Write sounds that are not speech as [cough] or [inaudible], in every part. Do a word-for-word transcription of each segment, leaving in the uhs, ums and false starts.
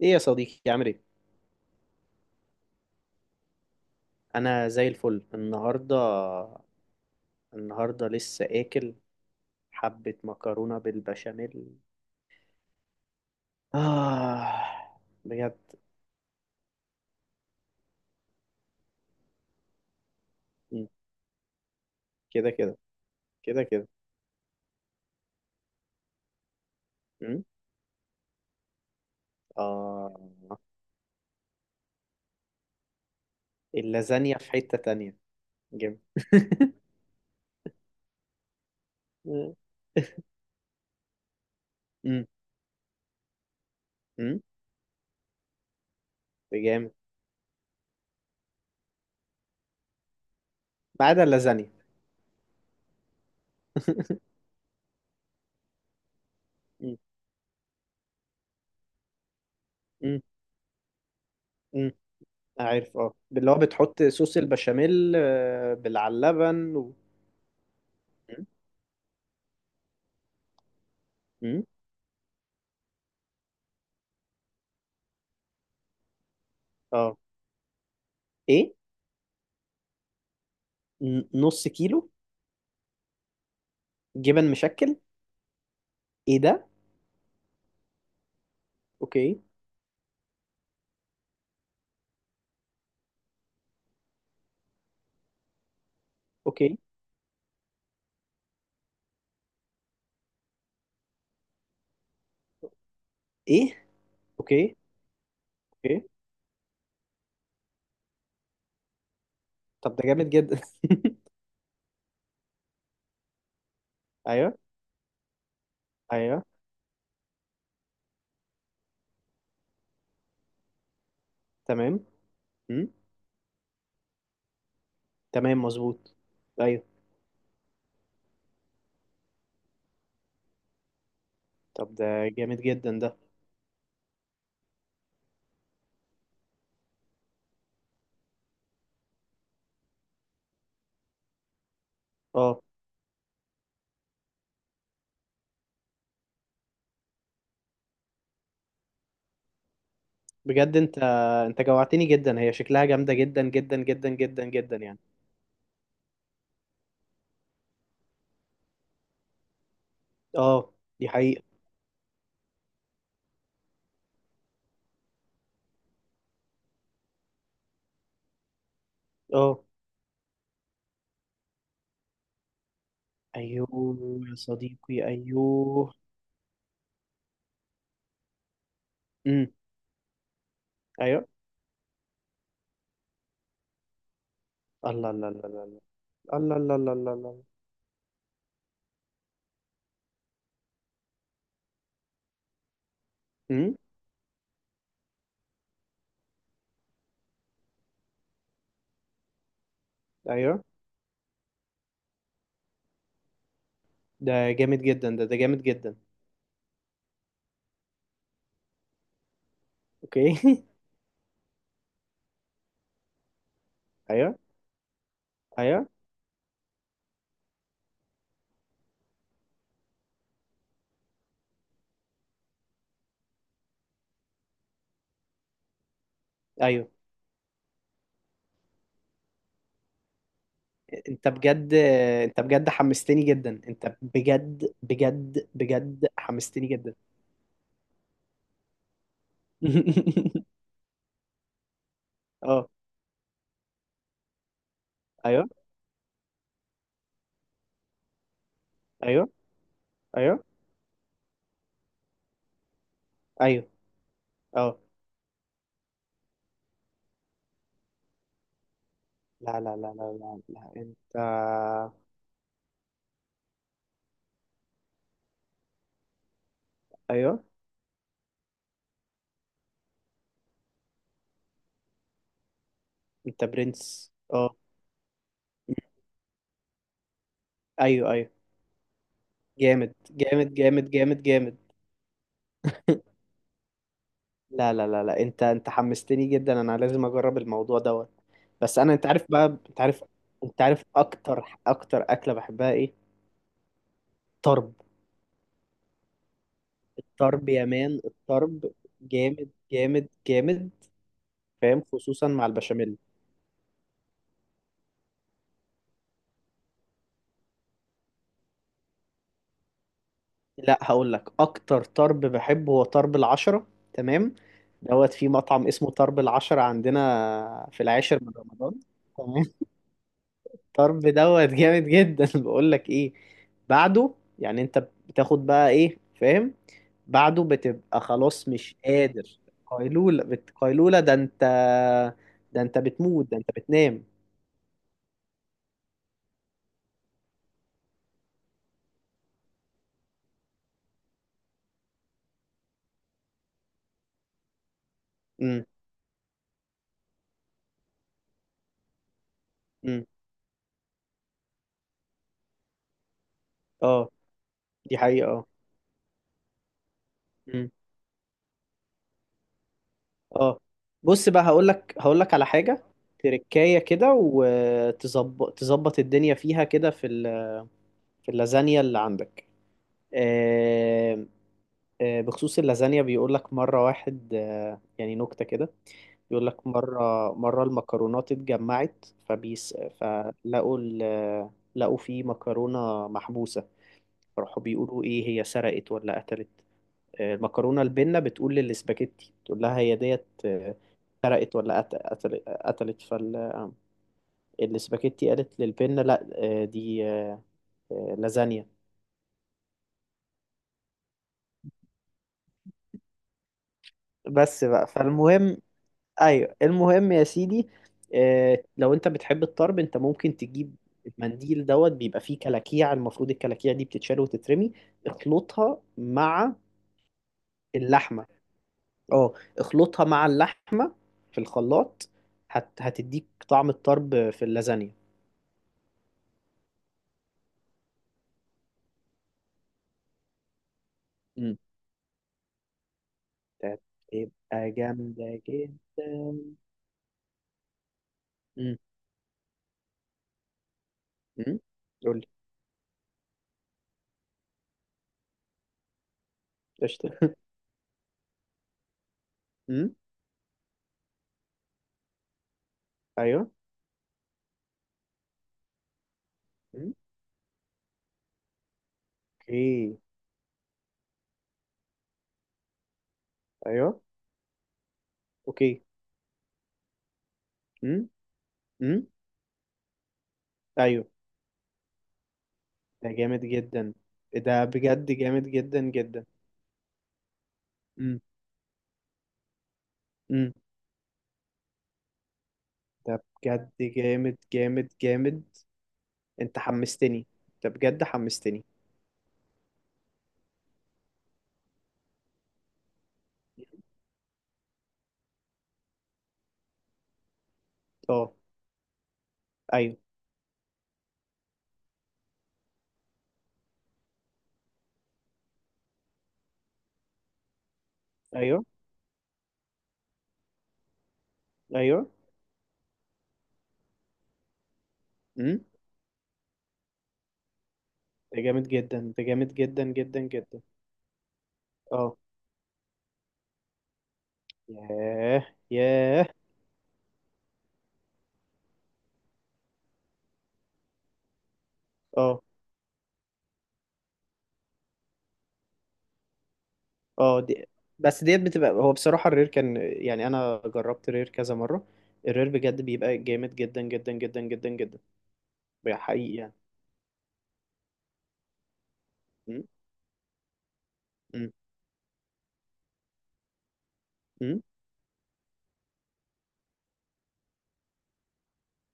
ايه يا صديقي، عامل ايه? انا زي الفل النهارده النهارده لسه اكل. حبه مكرونه بالبشاميل. اه، بجد. م. كده كده. كده كده. م. اه، اللازانيا في حته تانية. جامد. م. م. م. جامد، ما عدا اللازانيا. [laughs] م. م. م. عارف، اه اللي هو بتحط صوص البشاميل، آه، بال- على اللبن و... م. م. اه، ايه؟ ن- نص كيلو. جبن مشكل. ايه ده? اوكي. اوكي، ايه؟ اوكي. اوكي، طب ده جامد جدا. [laughs] ايوه. ايوه، تمام. امم. تمام، مظبوط. ايوه. طب ده جامد جدا ده. اه، بجد. انت انت جوعتني جدا. هي شكلها جامده جدا جدا جدا جدا جدا يعني. اه، دي حقيقه. اه. ايوه يا صديقي. ايوه. امم. ايوه. الله الله الله الله. الله الله الله الله الله. امم. ايوه. ده جامد جدا. ده ده جامد جدا. اوكي. [laughs] ايوه. ايوه. ايوه. انت بجد. انت بجد حمستني جدا. انت بجد بجد بجد حمستني جدا. [laughs] اه. ايوه. ايوه. ايوه. ايوه. اه. لا لا لا لا لا لا، انت. ايوه. انت برنس. اه. ايوه. ايوه. جامد جامد جامد جامد جامد. لا لا لا لا، انت انت حمستني جدا. انا لازم اجرب الموضوع دوت. بس انا، انت عارف بقى، انت عارف. انت عارف اكتر اكتر اكله بحبها ايه? طرب. طرب يا مان، الطرب. جامد جامد جامد. فاهم، خصوصا مع البشاميل. لا، هقول لك اكتر طرب بحبه هو طرب العشرة. تمام. دوت في مطعم اسمه طرب العشرة عندنا في العاشر من رمضان. تمام. [laughs] الطرب دوت جامد جدا. [laughs] بقول لك ايه؟ بعده، يعني انت بتاخد بقى ايه، فاهم? بعده بتبقى خلاص مش قادر. قيلولة، بت... قيلولة، ده انت. ده انت بتموت. ده انت بتنام. امم. امم. اه، دي حقيقة. اه. مم. اه، بص بقى، هقول لك هقول لك على حاجة. تركاية كده، وتظبط تظبط الدنيا فيها كده في ال... في اللازانيا اللي عندك. آه... آه... بخصوص اللازانيا، بيقول لك مرة واحد، آه... يعني نكتة كده. بيقول لك مرة، مرة المكرونات اتجمعت فبيس. فلقوا ال... لقوا في مكرونة محبوسة. فراحوا بيقولوا، ايه هي، سرقت ولا قتلت? آه، المكرونه البنه بتقول للاسباجيتي، تقول لها هي ديت، آه، سرقت ولا قت- قتل- قتلت? فالاسباجيتي قالت للبنه، لا، آه، دي آه، آه، لازانيا. بس بقى، فالمهم. ايوه، المهم يا سيدي، آه، لو انت بتحب الطرب، انت ممكن تجيب المنديل. دوت بيبقى فيه كلاكيع. المفروض الكلاكيع دي بتتشال وتترمي. اخلطها مع اللحمه. اه، اخلطها مع اللحمه في الخلاط. هت... هتديك طعم الطرب في اللازانيا. كانت تبقى جامدة جدا. امم. امم. قول لي. قشطة. [laughs] امم. ايوه. امم. اوكي. ايوه. اوكي. امم. امم. ايوه. ده جامد جدا. إيه ده بجد جامد جدا جدا. امم. امم. ده بجد جامد جامد جامد. انت حمستني. ده بجد حمستني. اه. ايوه. ايوه. ايوه. امم. ده جامد جدا. ده جامد جدا جدا جدا. اه. ياه ياه. اه. اه، دي بس ديت بتبقى، هو بصراحة الرير كان يعني، أنا جربت الرير كذا مرة. الرير بجد بيبقى جامد جدا جدا جدا جدا جدا. بقى حقيقي يعني. م? م? م?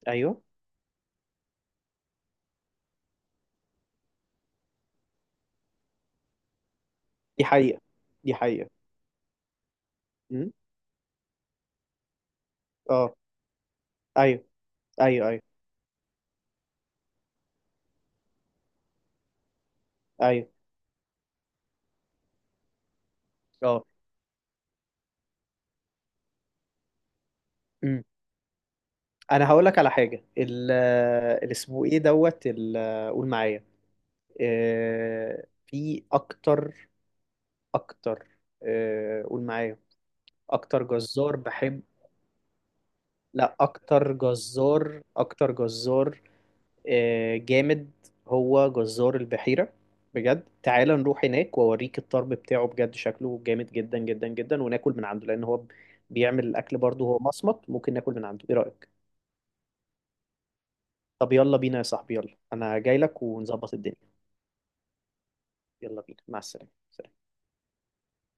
أيوه. دي حقيقة. دي حقيقة. م? اه. أيوه. أيوه. أيوه. أيوه. اه. م. أنا هقول لك على حاجة، ال اللي اسمه إيه، دوت ال- قول معايا. آه، في أكتر. أكتر. آه، قول معايا. أكتر جزار بحبه. لا، اكتر جزار، اكتر جزار. آه، جامد. هو جزار البحيرة. بجد، تعال نروح هناك واوريك الطرب بتاعه بجد. شكله جامد جدا جدا جدا. وناكل من عنده، لان هو بيعمل الاكل برضه. هو مصمت، ممكن ناكل من عنده. ايه رأيك? طب يلا بينا يا صاحبي. يلا، انا جاي لك ونظبط الدنيا. يلا بينا. مع السلامة. سلام.